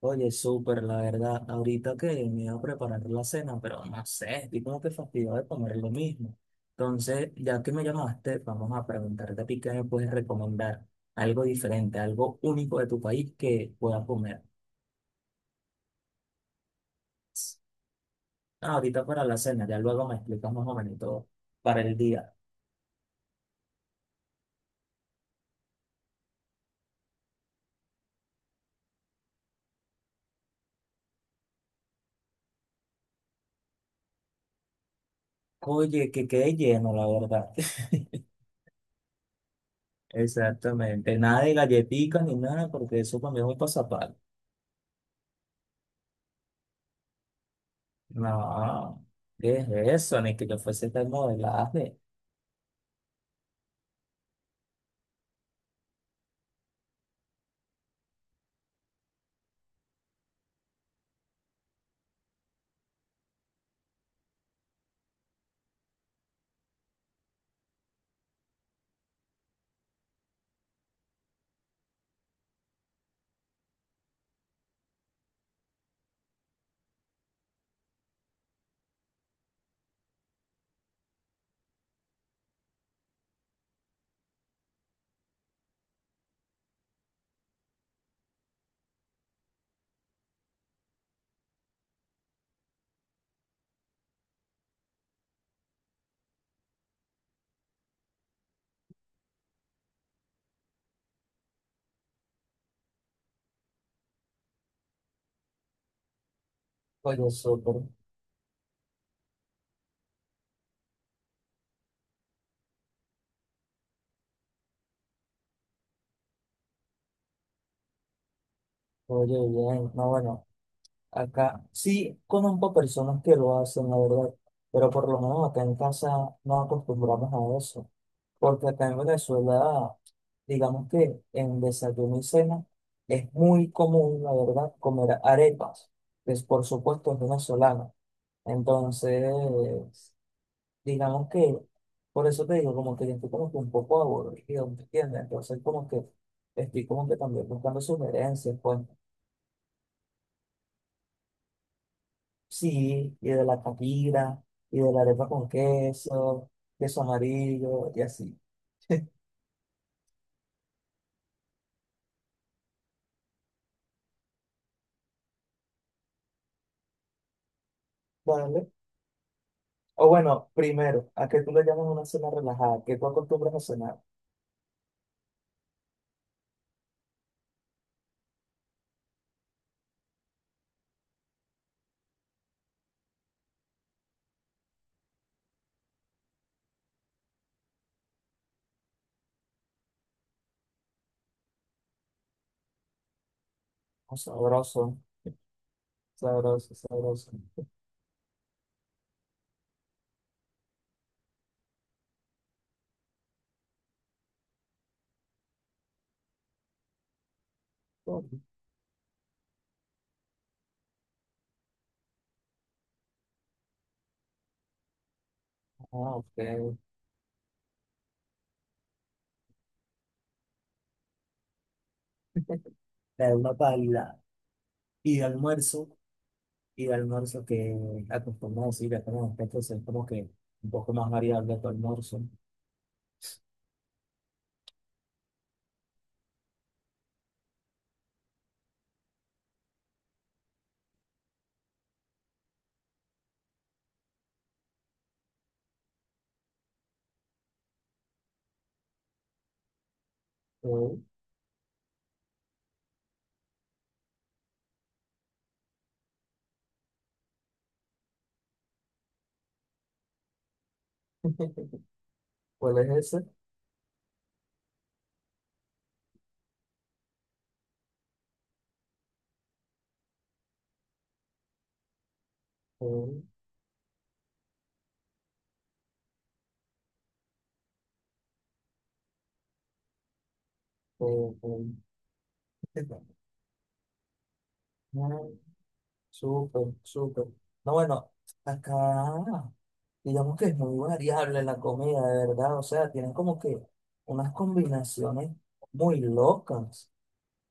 Oye, súper, la verdad. Ahorita que me iba a preparar la cena, pero no sé, estoy como que fastidiado de comer lo mismo. Entonces, ya que me llamaste, vamos a preguntarte a ti qué me puedes recomendar. Algo diferente, algo único de tu país que pueda comer. Ah, ahorita para la cena, ya luego me explicas más o menos todo para el día. Oye, que quede lleno, la verdad. Exactamente. Nada de galletitas ni nada, porque eso para mí es muy pasapal. No, ¿qué es eso? Ni que yo fuese tan modelaje. Oye, súper. Oye, bien, no, bueno, acá sí conozco personas que lo hacen, la verdad, pero por lo menos acá en casa nos acostumbramos a eso, porque acá en Venezuela, digamos que en desayuno y cena es muy común, la verdad, comer arepas, que es, por supuesto es venezolana. Entonces, digamos que, por eso te digo, como que yo estoy como que un poco aburrido, ¿me entiendes? Entonces, como que estoy como que también buscando sugerencias, pues. Sí, y de la comida, y de la arepa con queso, queso amarillo, y así. ¿Vale? O bueno, primero, ¿a qué tú le llamas una cena relajada? ¿Qué tú acostumbras a cenar? Oh, sabroso, sabroso, sabroso. Oh, ah, ok. De una paila. Y de almuerzo, y de almuerzo que acostumbras a decir, ya tenemos que hacer como que un poco más variable tu almuerzo. Oh, ¿cuál es ese? Oh, oh, oh. Súper, súper. No, bueno, acá digamos que es muy variable la comida, de verdad. O sea, tienen como que unas combinaciones muy locas.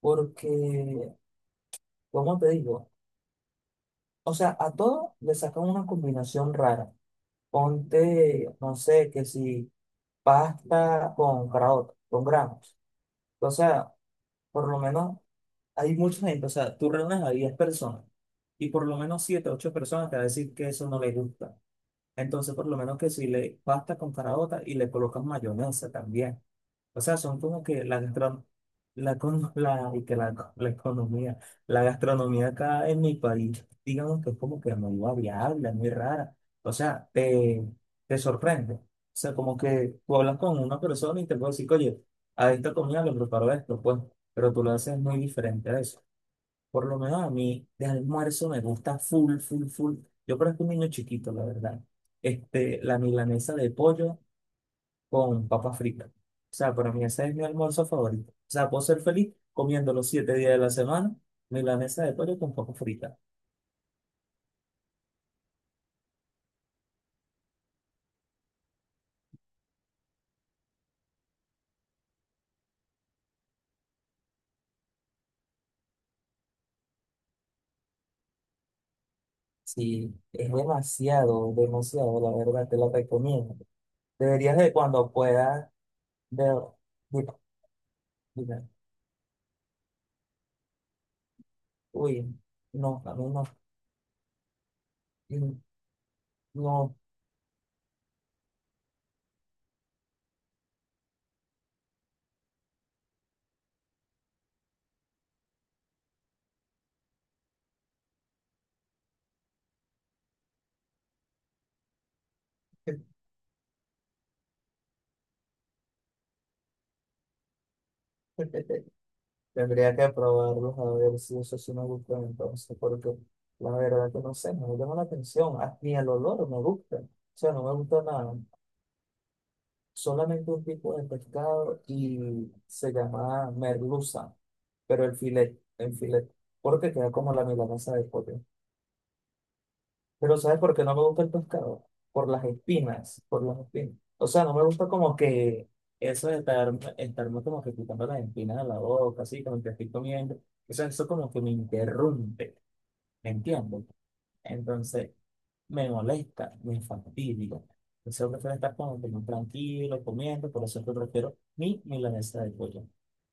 Porque, ¿cómo te digo? O sea, a todo le sacan una combinación rara. Ponte, no sé, que si pasta con grano, con granos. O sea, por lo menos hay mucha gente. O sea, tú reúnes a 10 personas y por lo menos 7, 8 personas te van a decir que eso no les gusta. Entonces, por lo menos que si le pasta con caraota y le colocas mayonesa también. O sea, son como que la, con- la, y que la economía, la gastronomía acá en mi país, digamos que es como que muy variable, es muy rara. O sea, te sorprende. O sea, como que tú hablas con una persona y te puedes decir, oye, a esta comida le preparo esto, pues, pero tú lo haces muy diferente a eso. Por lo menos a mí, de almuerzo me gusta full, full, full. Yo creo que un niño chiquito, la verdad. Este, la milanesa de pollo con papa frita. O sea, para mí ese es mi almuerzo favorito. O sea, puedo ser feliz comiendo los 7 días de la semana milanesa de pollo con papa frita. Sí, es demasiado, demasiado, la verdad, te lo recomiendo. Deberías de cuando puedas ver, mira, mira, uy, no, a mí no, mm, no. Tendría que probarlos a ver si eso sí me gusta entonces, porque la verdad que no sé, no me llama la atención, ah, ni el olor me gusta, o sea, no me gusta nada. Solamente un tipo de pescado y se llama merluza, pero el filet, porque queda como la milanesa de pollo. Pero ¿sabes por qué no me gusta el pescado? Por las espinas, por las espinas. O sea, no me gusta como que eso de estarme como que quitando las espinas de la boca, así, como que estoy comiendo. O sea, eso como que me interrumpe, ¿me entiendes? Entonces, me molesta, me fastidia. Entonces, yo prefiero estar como que muy tranquilo, comiendo, por eso es que prefiero mi milanesa de pollo.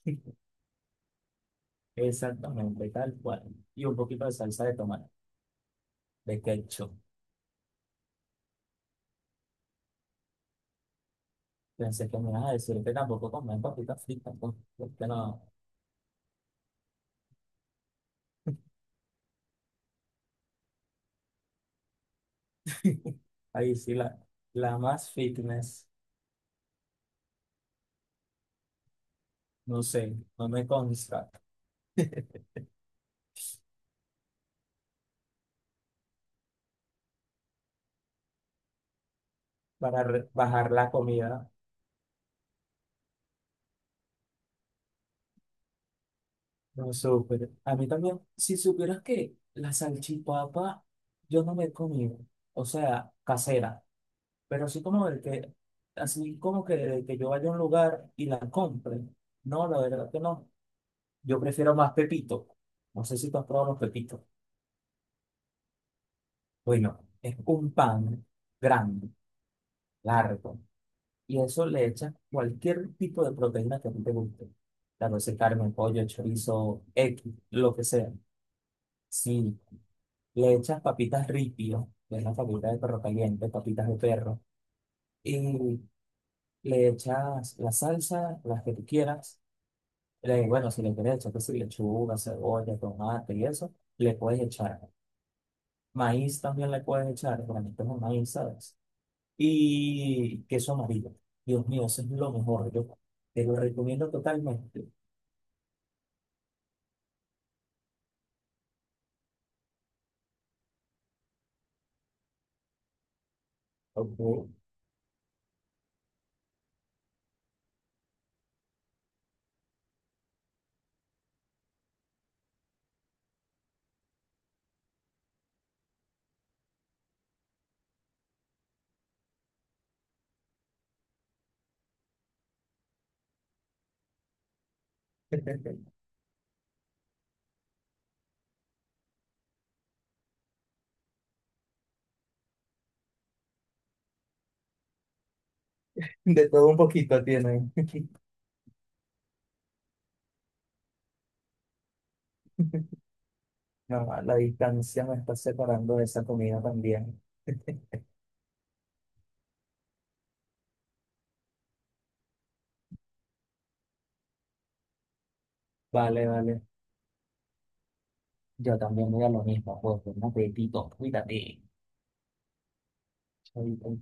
Exactamente, tal cual. Y un poquito de salsa de tomate, de ketchup. Pensé que me ibas a decir que tampoco comen papitas fritas, pues, porque no. Ahí sí, la más fitness, no sé, no me consta. Para bajar la comida, no súper. A mí también, si supieras que la salchipapa yo no me he comido, o sea, casera, pero así como el que, así como que, de que yo vaya a un lugar y la compre. No, la verdad que no. Yo prefiero más pepito. No sé si tú has probado los pepitos. Bueno, es un pan grande, largo, y eso le echa cualquier tipo de proteína que a ti te guste. La sea carne, pollo, chorizo, X, lo que sea. Si le echas papitas ripio, que es la papita de perro caliente, papitas de perro, y le echas la salsa, las que tú quieras. Le, bueno, si le quieres echar, que si lechuga, cebolla, tomate y eso, le puedes echar. Maíz también le puedes echar, realmente es un maíz, ¿sabes? Y queso amarillo. Dios mío, eso es lo mejor. Yo te lo recomiendo totalmente. Ok. De todo un poquito tienen. No, la distancia me está separando de esa comida también. Vale, vale. Yo también voy a lo mismo, pues, un apetito, cuídate. Ahorita